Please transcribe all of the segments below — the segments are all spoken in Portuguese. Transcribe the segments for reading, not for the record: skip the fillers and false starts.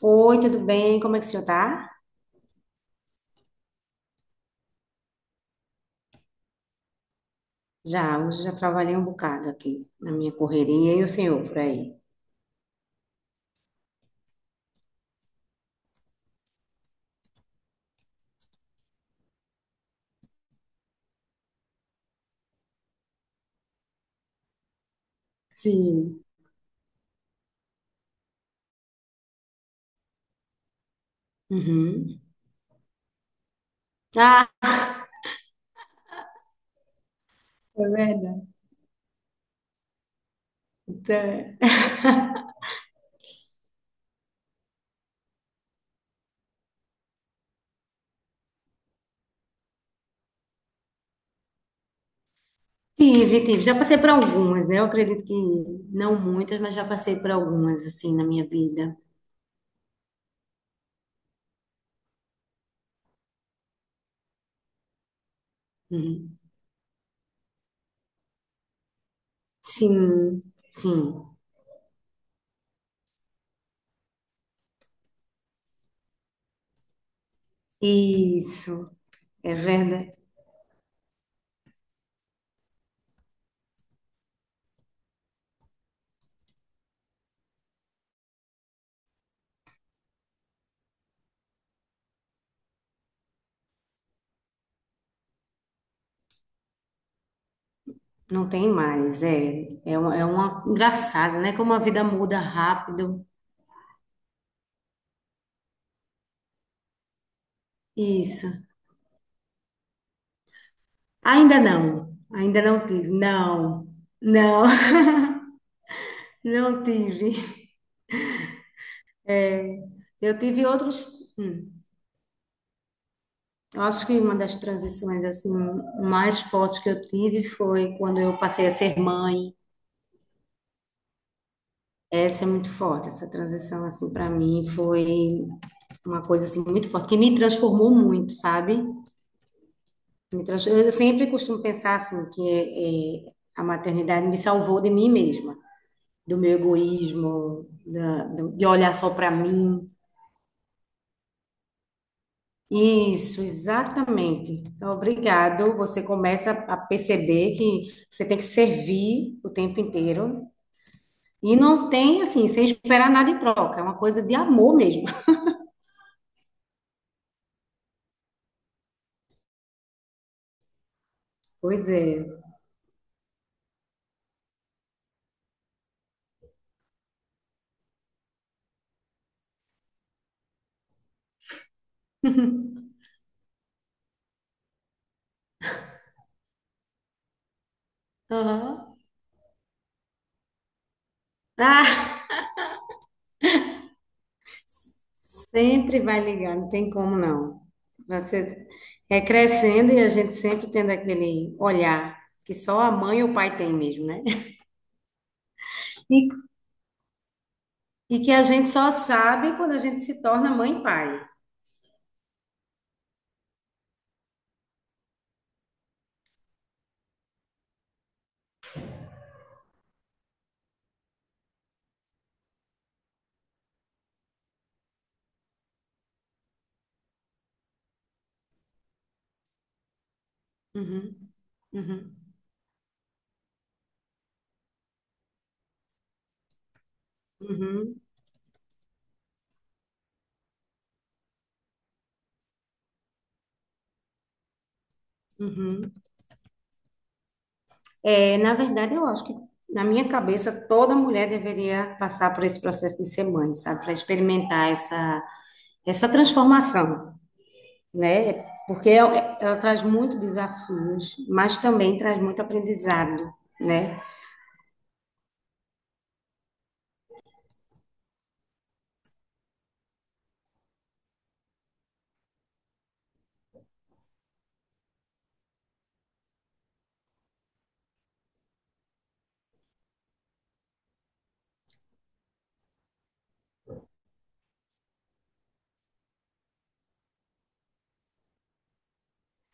Oi, tudo bem? Como é que o senhor tá? Já, hoje já trabalhei um bocado aqui na minha correria e o senhor por aí. Sim. Uhum. É verdade. Então. Tive, tive. Já passei por algumas, né? Eu acredito que não muitas, mas já passei por algumas, assim, na minha vida. Uhum. Sim. Sim, isso, é verdade. Não tem mais, é, é, é uma engraçada, né? Como a vida muda rápido. Isso. Ainda não tive. Não, não, não tive. Eu tive outros. Eu acho que uma das transições assim mais fortes que eu tive foi quando eu passei a ser mãe. Essa é muito forte. Essa transição assim para mim foi uma coisa assim muito forte que me transformou muito, sabe? Eu sempre costumo pensar assim que a maternidade me salvou de mim mesma, do meu egoísmo, de olhar só para mim. Isso, exatamente. Então, obrigado. Você começa a perceber que você tem que servir o tempo inteiro e não tem assim, sem esperar nada em troca. É uma coisa de amor mesmo. Pois é. Aham. Ah, sempre vai ligar, não tem como não. Você é crescendo e a gente sempre tendo aquele olhar que só a mãe ou o pai tem mesmo, né? E, e que a gente só sabe quando a gente se torna mãe e pai. Uhum, uhum, uhum, uhum. É, na verdade, eu acho que na minha cabeça toda mulher deveria passar por esse processo de ser mãe, sabe? Para experimentar essa, essa transformação, né? Porque ela traz muito desafios, mas também traz muito aprendizado, né?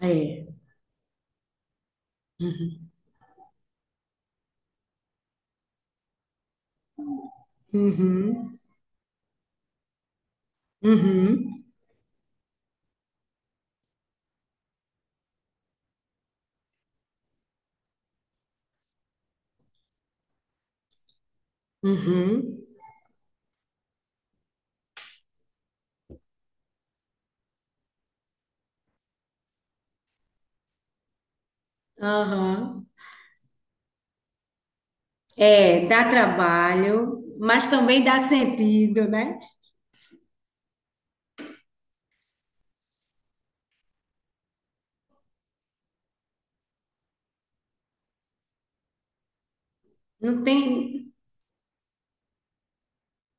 É. Uhum, uhum, uhum, aham. É, dá trabalho, mas também dá sentido, né? Não tem.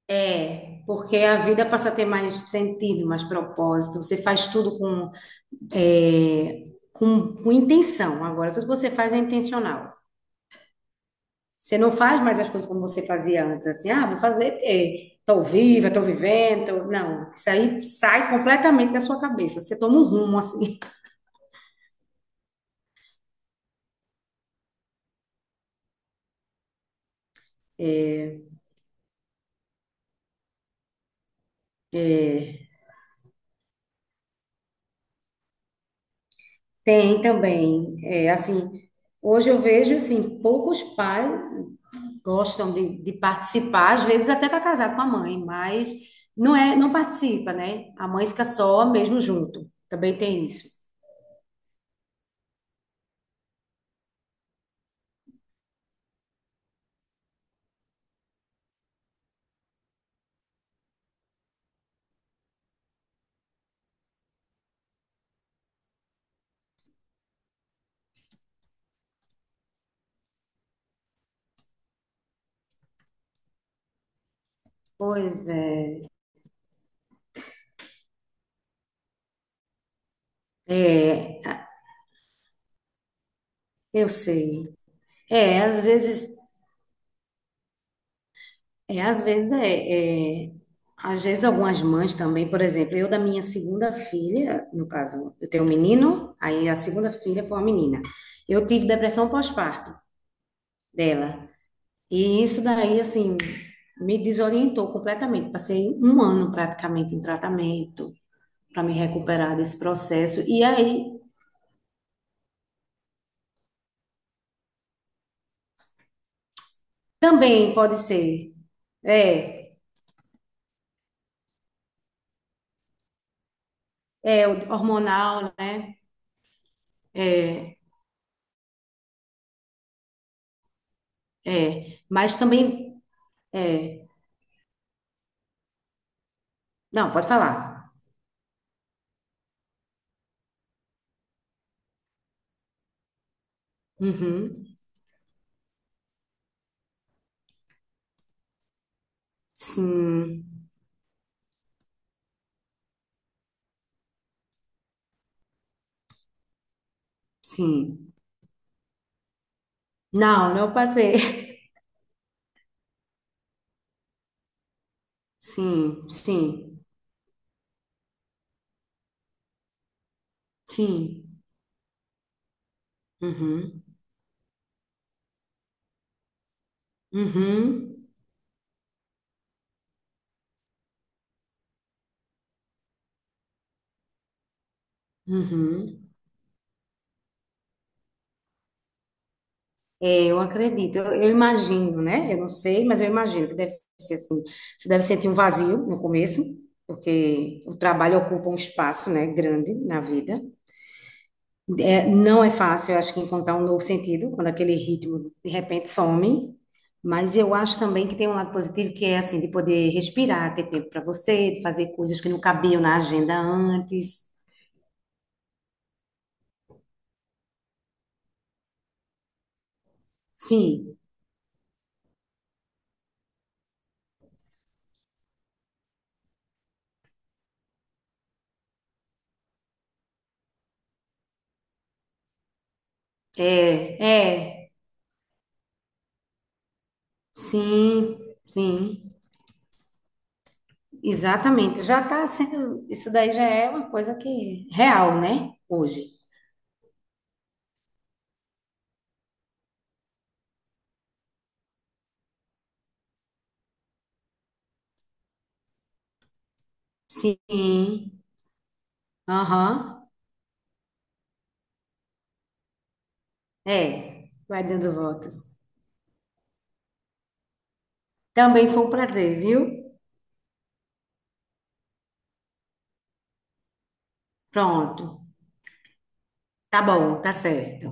É, porque a vida passa a ter mais sentido, mais propósito. Você faz tudo com, é, com intenção. Agora, tudo que você faz é intencional. Você não faz mais as coisas como você fazia antes, assim, ah, vou fazer porque estou viva, estou vivendo. Não, isso aí sai completamente da sua cabeça. Você toma um rumo, assim. É, tem também, é, assim, hoje eu vejo, assim, poucos pais gostam de participar, às vezes até tá casado com a mãe, mas não é, não participa, né? A mãe fica só mesmo junto. Também tem isso. Pois é, é, eu sei. É, às vezes, é, às vezes é, é. Às vezes algumas mães também, por exemplo, eu da minha segunda filha, no caso, eu tenho um menino, aí a segunda filha foi uma menina. Eu tive depressão pós-parto dela. E isso daí, assim, me desorientou completamente. Passei um ano praticamente em tratamento para me recuperar desse processo. E aí também pode ser, é, é o hormonal, né? É, é, mas também, é, não, pode falar. Uhum. Sim, sim. Não, não passei. Sim, sim, sim. Uhum, uhum, uhum. Eu acredito, eu imagino, né? Eu não sei, mas eu imagino que deve ser assim. Você deve sentir um vazio no começo, porque o trabalho ocupa um espaço, né, grande na vida. É, não é fácil, eu acho que encontrar um novo sentido quando aquele ritmo de repente some. Mas eu acho também que tem um lado positivo que é assim de poder respirar, ter tempo para você, de fazer coisas que não cabiam na agenda antes. Sim, é, é, sim, sim. Exatamente, já está sendo, isso daí já é uma coisa que é real, né? Hoje. Sim, aham, é, vai dando voltas. Também foi um prazer, viu? Pronto, tá bom, tá certo.